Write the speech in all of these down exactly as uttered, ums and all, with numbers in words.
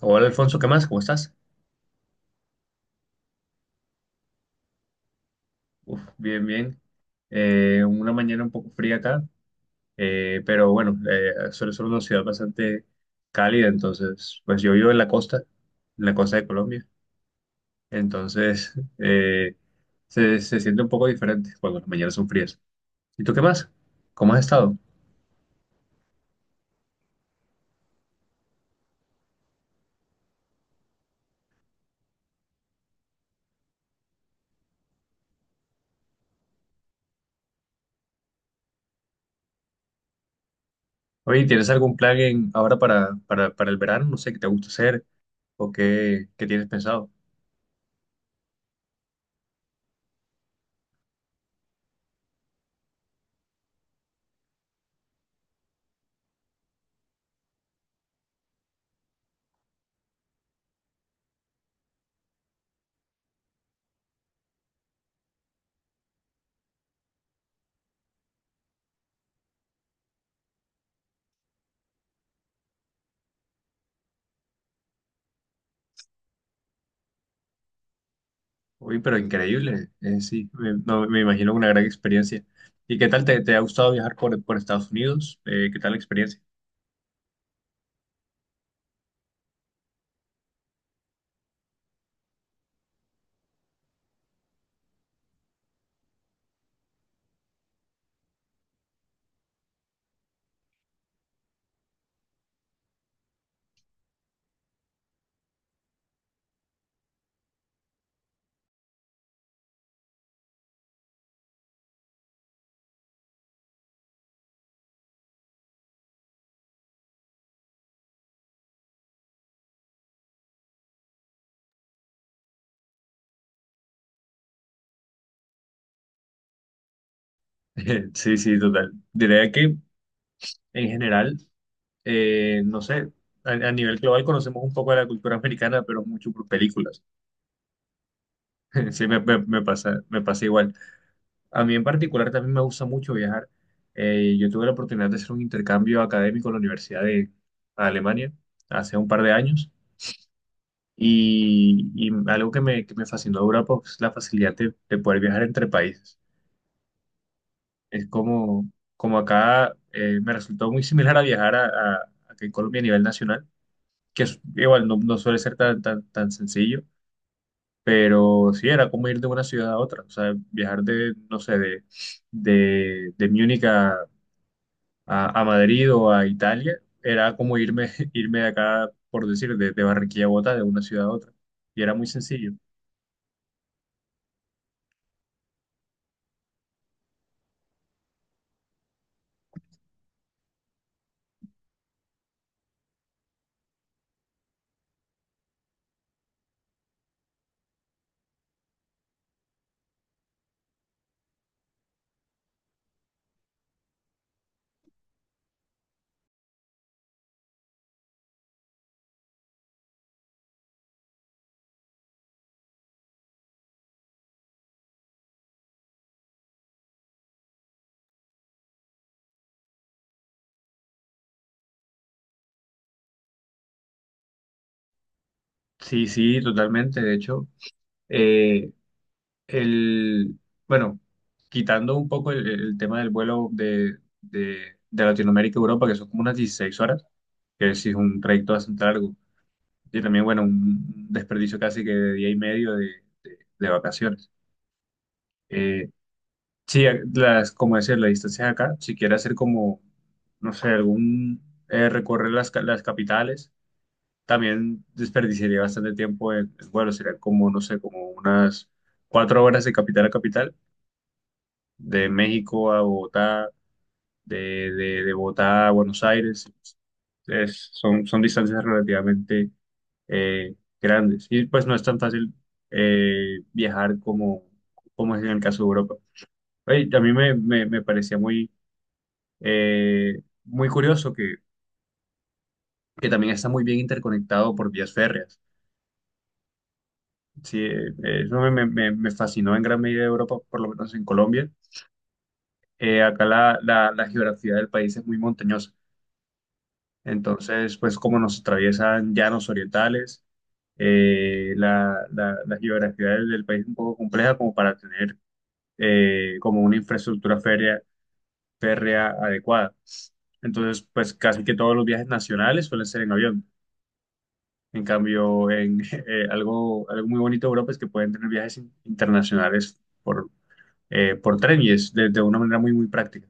Hola Alfonso, ¿qué más? ¿Cómo estás? Uf, bien, bien. Eh, una mañana un poco fría acá, eh, pero bueno, eh, suele ser una ciudad bastante cálida. Entonces, pues yo vivo en la costa, en la costa de Colombia. Entonces, eh, se, se siente un poco diferente cuando las mañanas son frías. ¿Y tú qué más? ¿Cómo has estado? Oye, ¿tienes algún plan en- ahora para, para, para el verano? No sé, ¿qué te gusta hacer o qué, qué tienes pensado? Uy, pero increíble. Eh, sí, me, no, me imagino una gran experiencia. ¿Y qué tal te, te ha gustado viajar por, por Estados Unidos? Eh, ¿qué tal la experiencia? Sí, sí, total. Diría que en general, eh, no sé, a, a nivel global conocemos un poco de la cultura americana, pero mucho por películas. Sí, me, me- me pasa, me pasa igual. A mí en particular también me gusta mucho viajar. Eh, yo tuve la oportunidad de hacer un intercambio académico en la Universidad de Alemania hace un par de años. Y, y algo que me, que me fascinó de Europa es la facilidad de, de poder viajar entre países. Es como, Como acá, eh, me resultó muy similar a viajar a, a- aquí en Colombia a nivel nacional, que es- igual no, no suele ser tan, tan, tan sencillo, pero sí era como ir de una ciudad a otra. O sea, viajar de, no sé, de, de, de Múnich a, a, a Madrid o a Italia era como irme, irme de acá, por decir, de, de Barranquilla a Bogotá, de una ciudad a otra. Y era muy sencillo. Sí, sí, totalmente. De hecho, eh, el, bueno, quitando un poco el, el tema del vuelo de, de, de Latinoamérica a Europa, que son como unas dieciséis horas, que sí es un trayecto bastante largo, y también, bueno, un desperdicio casi que de día y medio de, de- de vacaciones. Eh, sí, las, como decía, las distancias acá, si quieres hacer como, no sé, algún, eh, recorrer las, ca- las capitales también desperdiciaría bastante tiempo en, en vuelo, serían como, no sé, como unas cuatro horas de capital a capital, de México a Bogotá, de, de, de Bogotá a Buenos Aires, es- son, son distancias relativamente eh, grandes, y pues no es tan fácil eh, viajar como, como es en el caso de Europa. Oye, a mí me, me, me parecía muy, eh, muy curioso que, que también está muy bien interconectado por vías férreas. Sí, eh, eso me, me- me fascinó en gran medida de Europa, por lo menos en Colombia. Eh, acá la, la- la geografía del país es muy montañosa. Entonces, pues como nos atraviesan llanos orientales, eh, la, la- la geografía del, del país es un poco compleja como para tener eh, como una infraestructura férrea, férrea adecuada. Entonces, pues casi que todos los viajes nacionales suelen ser en avión. En cambio, en eh, algo, algo muy bonito de Europa es que pueden tener viajes in- internacionales eh, por tren, y es de, de una manera muy, muy práctica.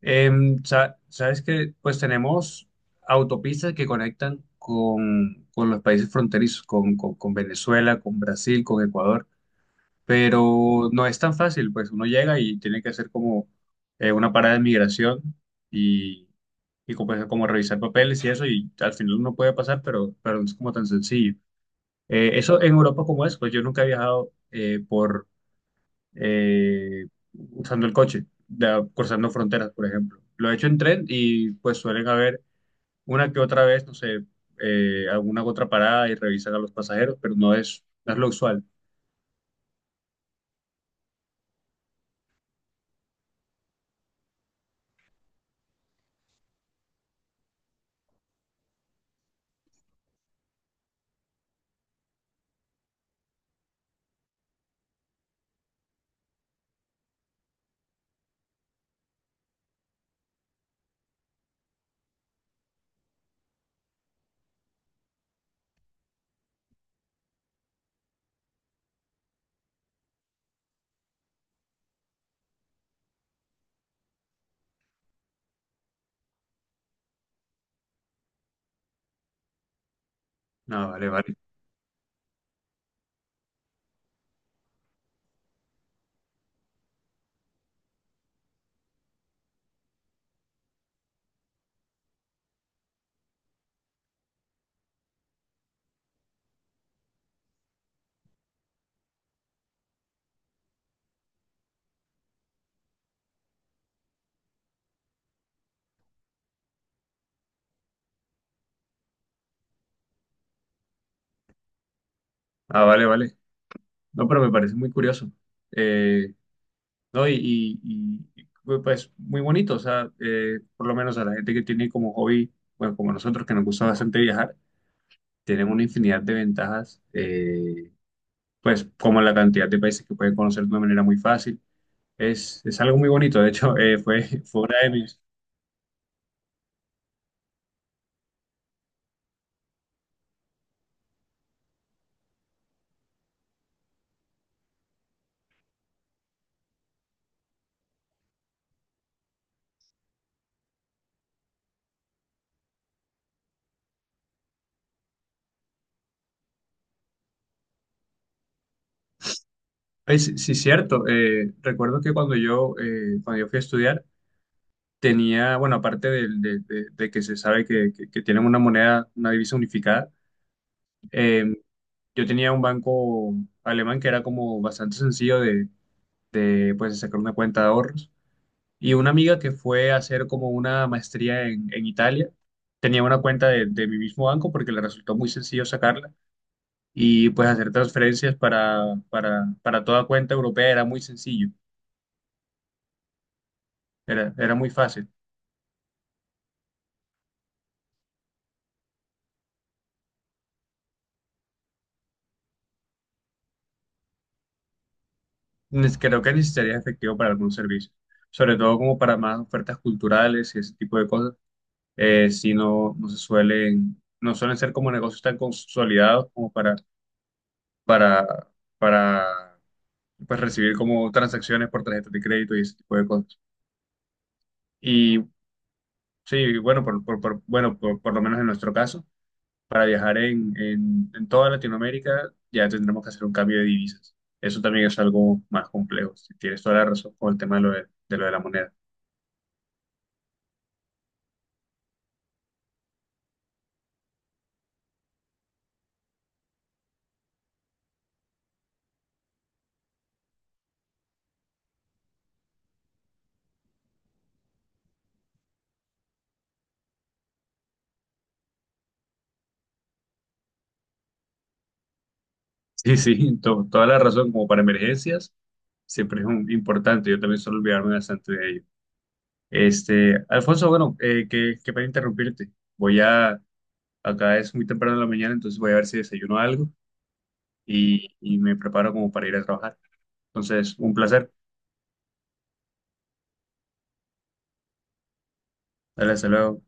Em, sa- sabes que pues tenemos autopistas que conectan con, con los países fronterizos, con, con- con Venezuela, con Brasil, con Ecuador, pero no es tan fácil. Pues uno llega y tiene que hacer como eh, una parada de migración y, y como, pues, como revisar papeles y eso, y al final uno puede pasar, pero, pero no es como tan sencillo. Eh, eso en Europa como es, pues yo nunca he viajado eh, por eh, usando el coche, de- cruzando fronteras, por ejemplo. Lo he hecho en tren, y pues suelen haber una que otra vez, no sé, eh, alguna que otra parada, y revisan a los pasajeros, pero no es, no es lo usual. Ah, vale, vale. Ah, vale, vale. No, pero me parece muy curioso. Eh, no, y, y- y, y, pues muy bonito, o sea, eh, por lo menos a la gente que tiene como hobby, bueno, como nosotros, que nos gusta bastante viajar, tienen una infinidad de ventajas. Eh, pues como la cantidad de países que pueden conocer de una manera muy fácil, es, es algo muy bonito. De hecho, eh, fue, fue una de mis... Pues sí, cierto. Eh, recuerdo que cuando yo, eh, cuando yo fui a estudiar, tenía, bueno, aparte del- de, de- de que se sabe que, que- que tienen una moneda, una divisa unificada, eh, yo tenía un banco alemán que era como bastante sencillo de, eh, pues, de sacar una cuenta de ahorros. Y una amiga que fue a hacer como una maestría en, en Italia tenía una cuenta de, de mi mismo banco, porque le resultó muy sencillo sacarla, y pues hacer transferencias para, para, para toda cuenta europea era muy sencillo, era, era muy fácil. Nes- Creo que necesitarías efectivo para algunos servicios, sobre todo como para más ofertas culturales y ese tipo de cosas. Eh, si no, no se suelen, no suelen ser como negocios tan consolidados como para, para, para pues, recibir como transacciones por tarjetas de crédito y ese tipo de cosas. Y sí, bueno, por, por, por- bueno, por por lo menos en nuestro caso, para viajar en, en, en toda Latinoamérica, ya tendremos que hacer un cambio de divisas. Eso también es algo más complejo. Si tienes toda la razón con el tema de lo de, de lo de la moneda. Sí, sí, to- toda la razón. Como para emergencias, siempre es un- importante. Yo también suelo olvidarme bastante de ello. Este, Alfonso, bueno, eh, que, que para interrumpirte. Voy a, Acá es muy temprano en la mañana, entonces voy a ver si desayuno algo, y, y me preparo como para ir a trabajar. Entonces, un placer. Dale, hasta luego.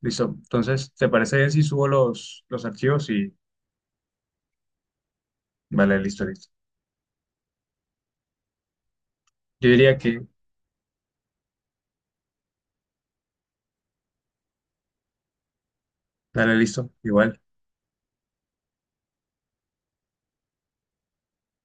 Listo. Entonces, ¿te parece bien si subo los, los archivos? Y vale, listo, listo. Yo diría que, dale, listo, igual.